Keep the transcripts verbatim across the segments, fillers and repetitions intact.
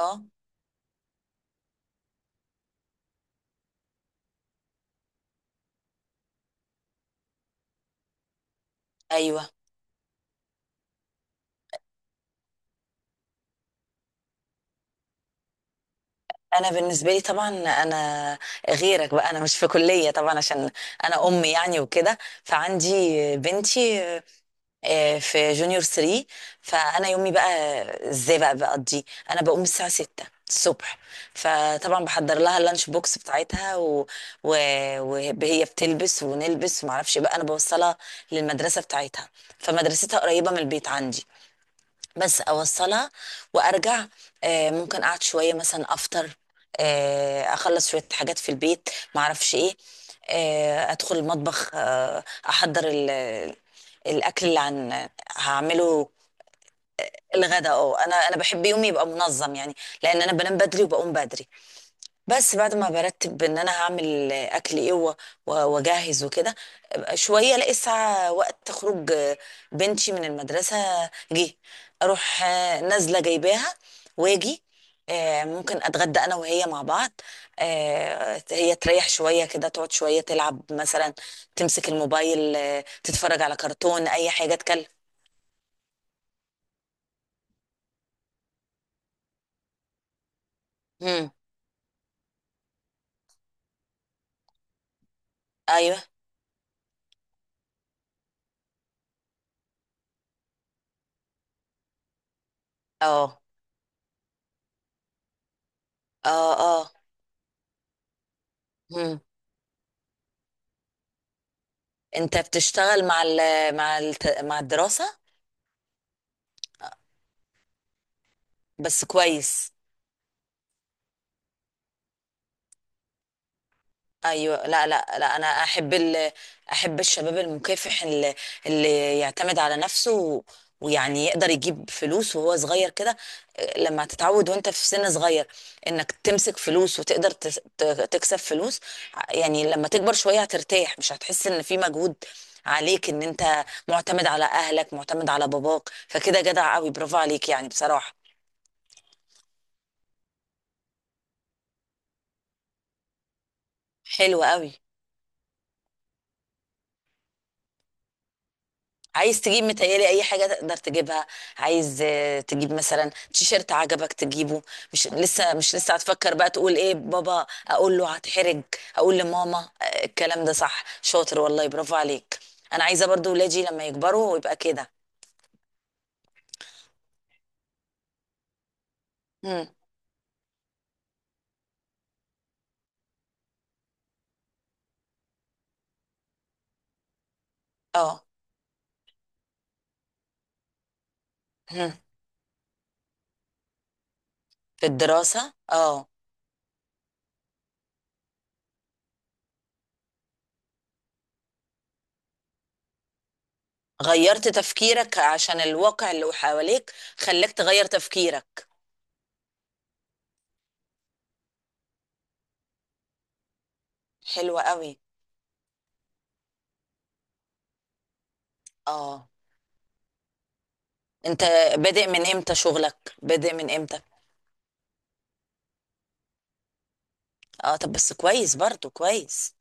اه، ايوه، انا بالنسبه لي طبعا، انا غيرك بقى، انا مش في كليه طبعا عشان انا ام يعني وكده، فعندي بنتي آه، في جونيور تلاته. فانا يومي بقى، ازاي بقى بقضي، انا بقوم الساعه ستة الصبح، فطبعا بحضر لها اللانش بوكس بتاعتها، و... و... وهي بتلبس ونلبس ومعرفش إيه، بقى انا بوصلها للمدرسه بتاعتها، فمدرستها قريبه من البيت عندي، بس اوصلها وارجع، آه، ممكن اقعد شويه مثلا افطر، آه، اخلص شويه حاجات في البيت، معرفش ايه، آه، ادخل المطبخ، آه، احضر ال- الاكل اللي عن هعمله، الغدا. اه، انا انا بحب يومي يبقى منظم يعني، لان انا بنام بدري وبقوم بدري، بس بعد ما برتب ان انا هعمل اكل ايه، و- و- واجهز وكده، شويه الاقي الساعه وقت خروج بنتي من المدرسه، جه اروح نازله جايباها واجي، آه، ممكن اتغدى انا وهي مع بعض، آه، هي تريح شويه كده، تقعد شويه تلعب مثلا، تمسك الموبايل، آه، تتفرج على كرتون اي حاجه تكلم. مم. ايوه، اه، اه، اه، مم. انت بتشتغل مع ال مع ال مع الدراسه؟ بس كويس. ايوه، لا لا لا، انا احب ال... احب الشباب المكافح اللي, اللي يعتمد على نفسه، و... ويعني يقدر يجيب فلوس وهو صغير كده، لما تتعود وانت في سن صغير انك تمسك فلوس وتقدر تس- ت... تكسب فلوس، يعني لما تكبر شوية هترتاح، مش هتحس ان في مجهود عليك ان انت معتمد على اهلك، معتمد على باباك، فكده جدع قوي، برافو عليك يعني بصراحة. حلو قوي. عايز تجيب، متهيألي اي حاجه تقدر تجيبها، عايز آه، تجيب مثلا تيشيرت عجبك تجيبه، مش لسه مش لسه هتفكر بقى تقول ايه بابا، اقول له هتحرج، اقول لماما، آه، الكلام ده صح، شاطر والله، برافو عليك. انا عايزه برضو ولادي لما يكبروا يبقى كده. هم، اه، هم، في الدراسه، اه. غيرت تفكيرك عشان الواقع اللي حواليك خلاك تغير تفكيرك، حلوة قوي. اه، انت بادئ من امتى؟ شغلك بادئ من امتى؟ اه، طب بس كويس، برضو كويس.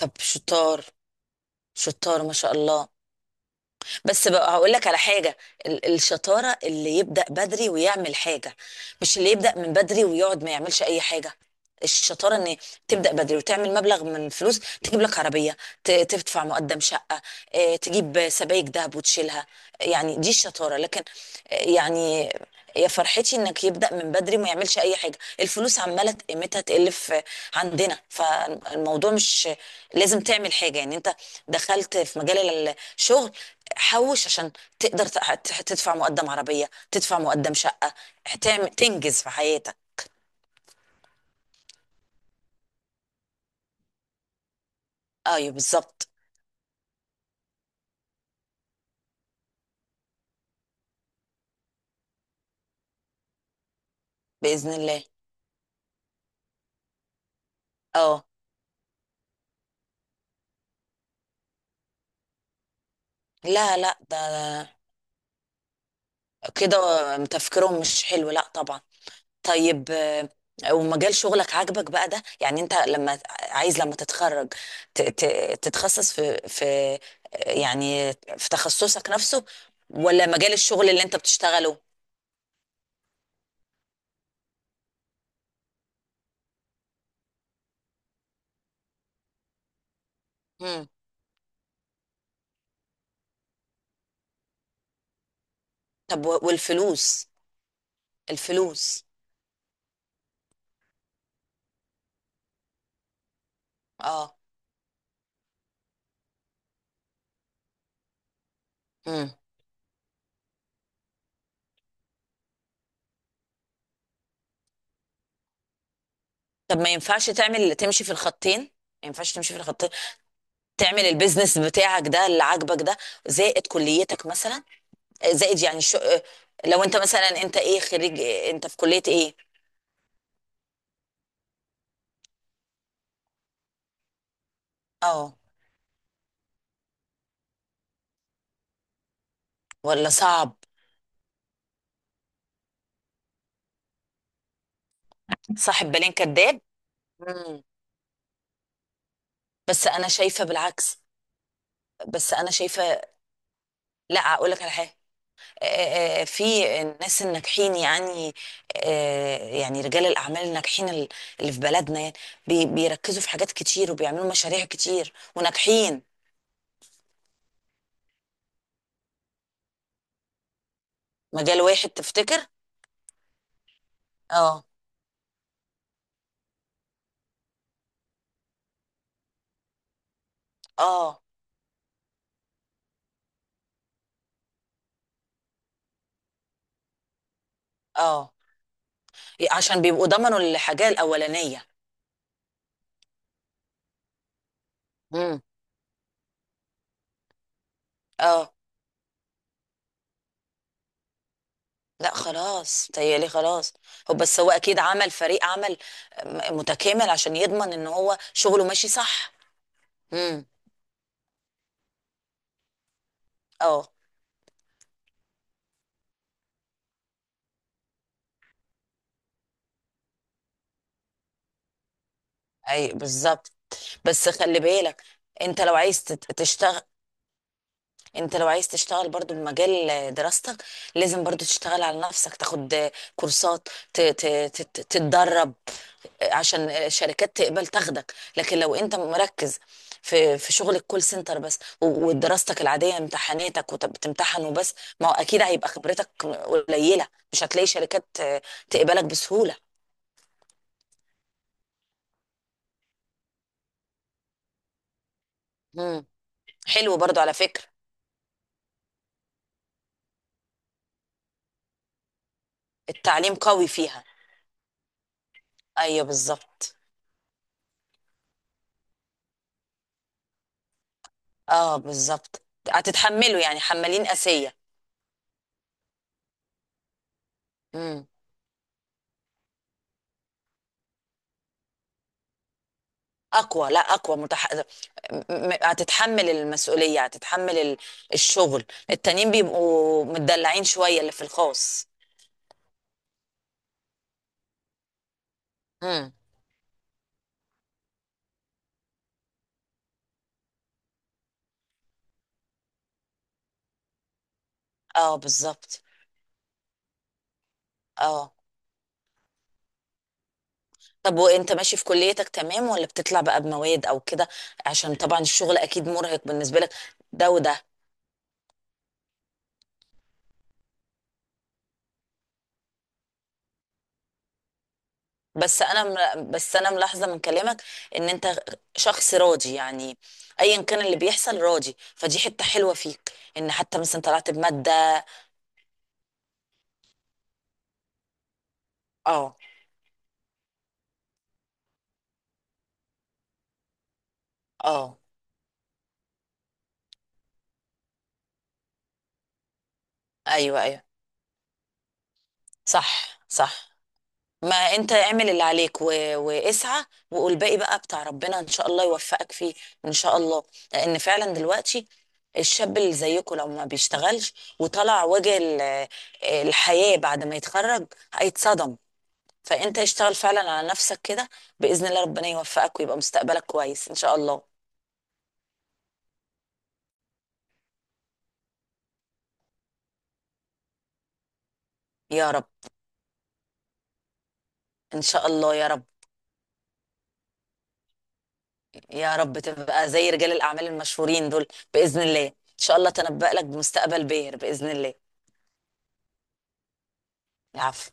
طب شطار، شطار ما شاء الله. بس بقى هقول لك على حاجه، ال- الشطاره اللي يبدا بدري ويعمل حاجه، مش اللي يبدا من بدري ويقعد ما يعملش اي حاجه. الشطاره ان تبدا بدري وتعمل مبلغ من الفلوس، تجيب لك عربيه، ت- تدفع مقدم شقه، آه، تجيب سبائك ذهب وتشيلها، يعني دي الشطاره. لكن آه، يعني يا فرحتي انك يبدا من بدري وما يعملش اي حاجه، الفلوس عماله قيمتها تقل في عندنا، فالموضوع مش لازم تعمل حاجه يعني، انت دخلت في مجال الشغل، حوش عشان تقدر تح- تح- تدفع مقدم عربية، تدفع مقدم شقة، تعمل تنجز في حياتك. ايوه بالظبط. بإذن الله. اه، لا لا، ده كده تفكيرهم مش حلو، لا طبعا. طيب، آه، ومجال شغلك عاجبك بقى ده؟ يعني انت لما عايز، لما تتخرج ت- ت- تتخصص في في آه، يعني في تخصصك نفسه، ولا مجال الشغل اللي انت بتشتغله؟ مم. طب، و- والفلوس، الفلوس، اه، مم. طب ما ينفعش تعمل تمشي في الخطين؟ ما ينفعش تمشي في الخطين؟ تعمل البيزنس بتاعك ده اللي عاجبك ده زائد كليتك مثلا، زائد يعني شو، لو انت مثلا انت ايه خريج إيه؟ انت في كلية ايه؟ اه، ولا صعب؟ صاحب بالين كداب. مم. بس انا شايفة بالعكس، بس انا شايفة. لا اقول لك على حاجة، آه، آه، في الناس الناجحين يعني، آه، يعني رجال الأعمال الناجحين، ال- اللي في بلدنا يعني بي- بيركزوا في حاجات كتير وبيعملوا مشاريع كتير وناجحين. مجال واحد تفتكر؟ اه، اه، اه، عشان بيبقوا ضمنوا الحاجة الأولانية. امم. اه، لا خلاص تهيألي خلاص. هو، بس هو أكيد عمل فريق عمل م- متكامل عشان يضمن إن هو شغله ماشي صح. امم. اه، اي بالظبط. بس خلي بالك، انت لو عايز تت- تشتغل انت لو عايز تشتغل برضو بمجال دراستك، لازم برضو تشتغل على نفسك، تاخد كورسات، ت- ت- تت- تتدرب عشان الشركات تقبل تاخدك. لكن لو انت مركز في في شغل الكول سنتر بس، و- ودراستك العاديه امتحاناتك وبتمتحن وبس، ما هو اكيد هيبقى خبرتك قليله، مش هتلاقي شركات تقبلك بسهوله. مم. حلو برضو على فكره. التعليم قوي فيها. ايوه بالظبط. اه بالظبط. هتتحمله يعني، حمالين قاسية. امم. اقوى، لا اقوى متح... م- م- هتتحمل المسؤولية، هتتحمل ال- الشغل، التانيين بيبقوا متدلعين شوية اللي في الخاص. امم. اه بالظبط. اه، طب وانت ماشي في كليتك تمام ولا بتطلع بقى بمواد او كده؟ عشان طبعا الشغل اكيد مرهق بالنسبة لك، ده وده. بس انا مل- بس انا ملاحظه من كلامك ان انت شخص راضي يعني، ايا كان اللي بيحصل راضي، فدي حته حلوه فيك، ان حتى مثلا طلعت بماده. اه، اه، ايوه، ايوه، صح، صح. ما انت اعمل اللي عليك، و... واسعى وقول باقي بقى بتاع ربنا ان شاء الله يوفقك فيه. ان شاء الله. لان فعلا دلوقتي الشاب اللي زيكم لو ما بيشتغلش وطلع وجه ال- الحياه بعد ما يتخرج هيتصدم، فانت اشتغل فعلا على نفسك كده. باذن الله ربنا يوفقك ويبقى مستقبلك كويس ان شاء الله. يا رب. ان شاء الله. يا رب، يا رب تبقى زي رجال الاعمال المشهورين دول، باذن الله ان شاء الله تنبأ لك بمستقبل باهر باذن الله. العفو.